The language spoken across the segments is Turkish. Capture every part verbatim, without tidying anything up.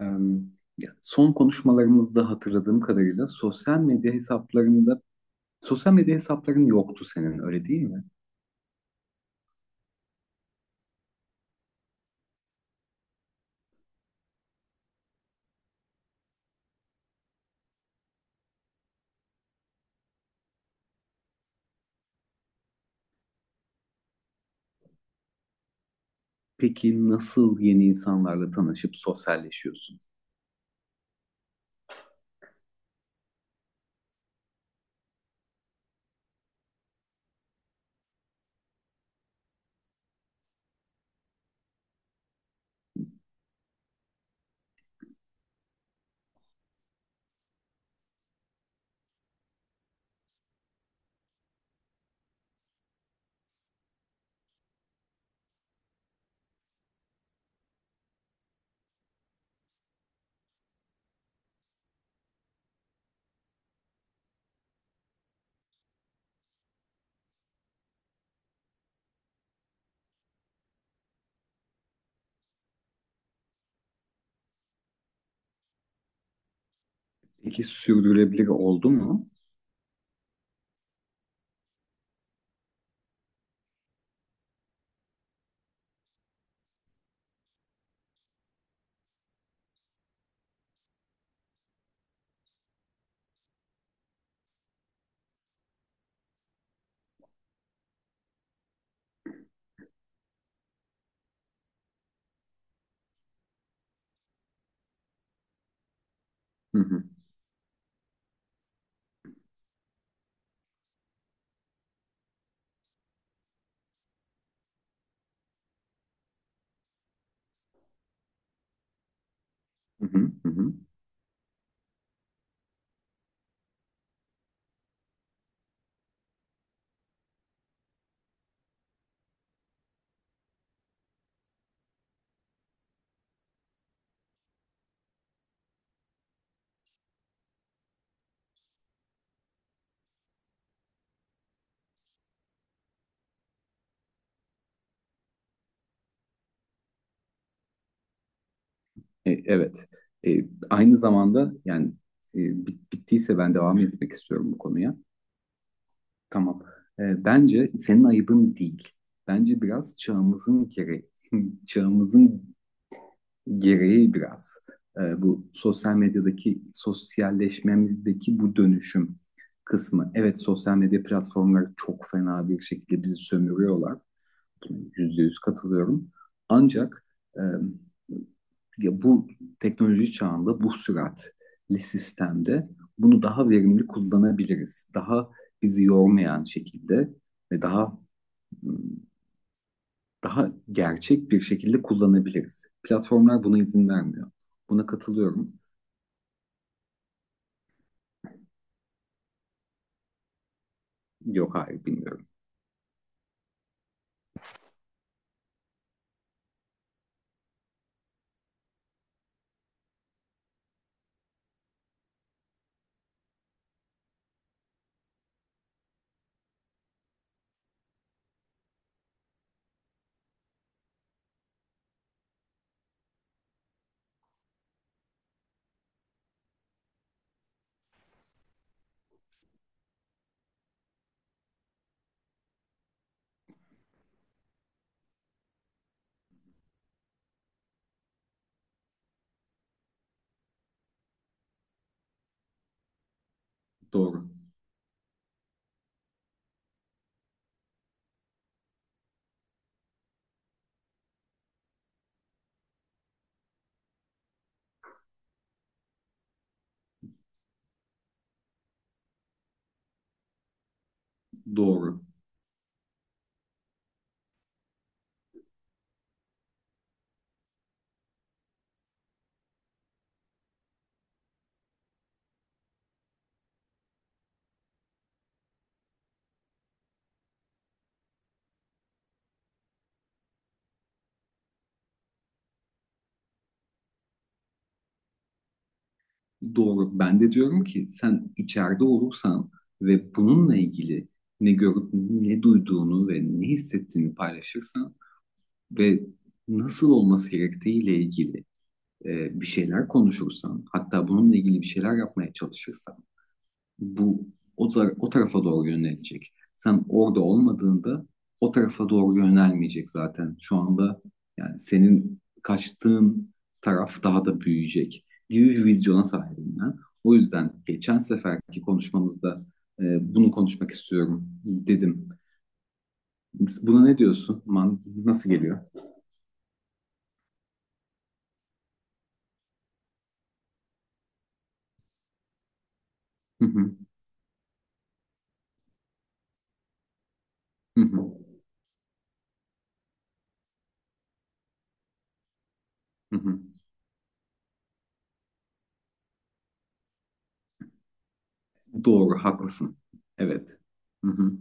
Em, ya, Son konuşmalarımızda hatırladığım kadarıyla sosyal medya hesaplarında sosyal medya hesapların yoktu senin, öyle değil mi? Peki nasıl yeni insanlarla tanışıp sosyalleşiyorsun? Peki sürdürülebilir oldu mu? Hı hı, hı hı, hı hı. E, evet. E, aynı zamanda yani e, bit- bittiyse ben devam etmek istiyorum bu konuya. Tamam. Ee, bence senin ayıbın değil. Bence biraz çağımızın gereği, çağımızın gereği biraz e, bu sosyal medyadaki sosyalleşmemizdeki bu dönüşüm kısmı. Evet, sosyal medya platformları çok fena bir şekilde bizi sömürüyorlar, yüzde yüz katılıyorum. Ancak e, ya bu teknoloji çağında bu süratli sistemde bunu daha verimli kullanabiliriz. Daha bizi yormayan şekilde ve daha daha gerçek bir şekilde kullanabiliriz. Platformlar buna izin vermiyor. Buna katılıyorum. Yok, hayır, bilmiyorum. Doğru. Doğru. Doğru. Ben de diyorum ki sen içeride olursan ve bununla ilgili ne görüp ne duyduğunu ve ne hissettiğini paylaşırsan ve nasıl olması gerektiğiyle ilgili e, bir şeyler konuşursan, hatta bununla ilgili bir şeyler yapmaya çalışırsan bu o, tar- o tarafa doğru yönelecek. Sen orada olmadığında o tarafa doğru yönelmeyecek zaten. Şu anda yani senin kaçtığın taraf daha da büyüyecek gibi bir vizyona sahibim ben. O yüzden geçen seferki konuşmamızda e, bunu konuşmak istiyorum dedim. Buna ne diyorsun? Man, nasıl geliyor? Hı hı, hı hı, hı hı. Doğru, haklısın. Evet. Hı hı,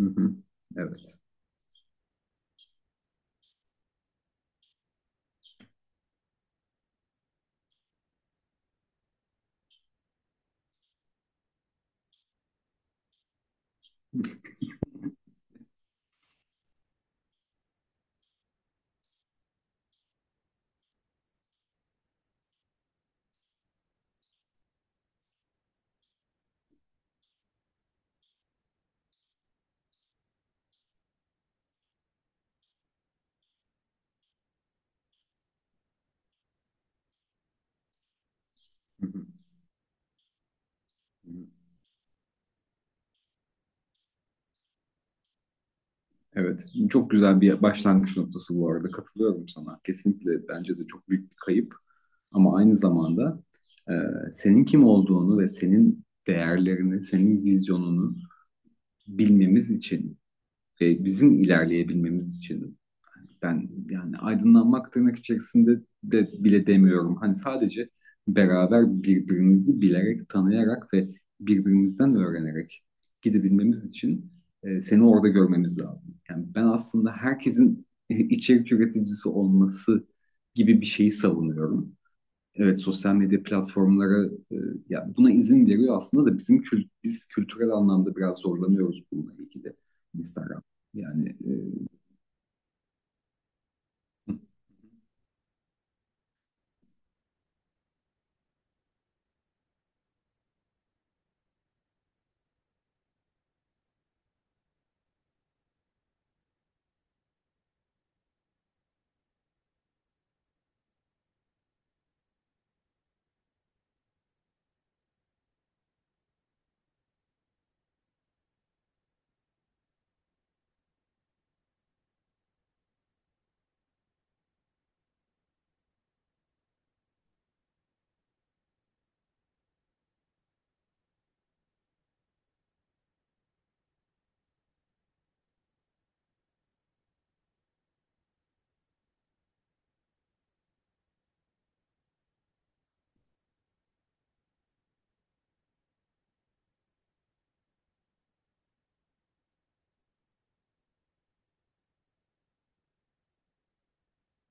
hı hı. Evet. Hı hı, hı hı. Evet, çok güzel bir başlangıç noktası bu arada. Katılıyorum sana. Kesinlikle bence de çok büyük bir kayıp. Ama aynı zamanda e, senin kim olduğunu ve senin değerlerini, senin vizyonunu bilmemiz için ve bizim ilerleyebilmemiz için ben yani aydınlanmak tırnak içerisinde de bile demiyorum. Hani sadece beraber birbirimizi bilerek, tanıyarak ve birbirimizden öğrenerek gidebilmemiz için e, seni orada görmemiz lazım. Yani ben aslında herkesin içerik üreticisi olması gibi bir şeyi savunuyorum. Evet, sosyal medya platformları e, ya buna izin veriyor aslında da bizim kül biz kültürel anlamda biraz zorlanıyoruz bununla ilgili. Instagram. Yani e,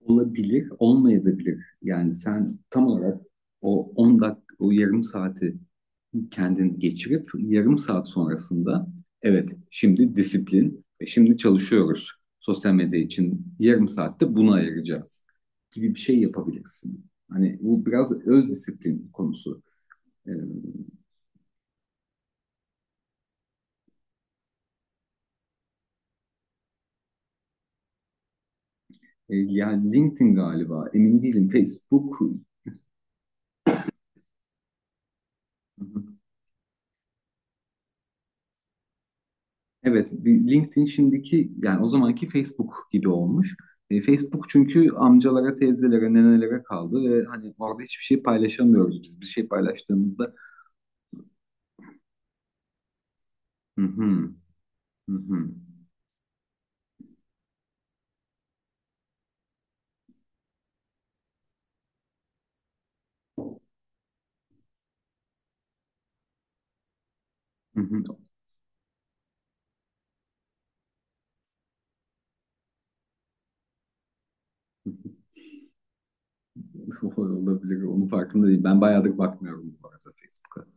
olabilir, olmayabilir. Yani sen tam olarak o on dakika, o yarım saati kendin geçirip yarım saat sonrasında evet şimdi disiplin, e, şimdi çalışıyoruz. Sosyal medya için yarım saatte bunu ayıracağız gibi bir şey yapabilirsin. Hani bu biraz öz disiplin konusu. Ee, e, Yani LinkedIn galiba, emin değilim. Facebook. Evet, bir LinkedIn şimdiki yani o zamanki Facebook gibi olmuş. E, Facebook çünkü amcalara, teyzelere, nenelere kaldı ve hani orada hiçbir şey paylaşamıyoruz biz. Bir şey paylaştığımızda hı hı, hı hı, hı hı. Olabilir. Onun farkında değil. Ben bayağıdır bakmıyorum bu arada Facebook'a.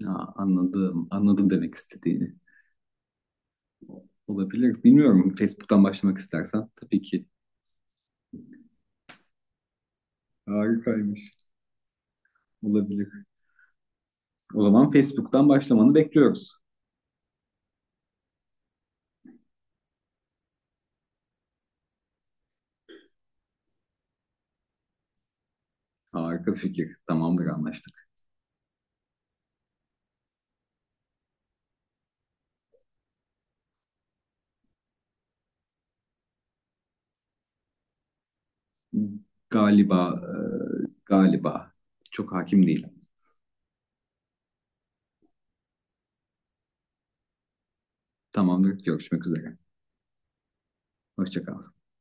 Ya, anladım. Anladım demek istediğini. Olabilir. Bilmiyorum. Facebook'tan başlamak istersen tabii ki. Harikaymış. Olabilir. O zaman Facebook'tan başlamanı bekliyoruz. Harika fikir. Tamamdır, anlaştık. Galiba, e, galiba. Çok hakim değilim. Tamamdır. Görüşmek üzere. Hoşça kal.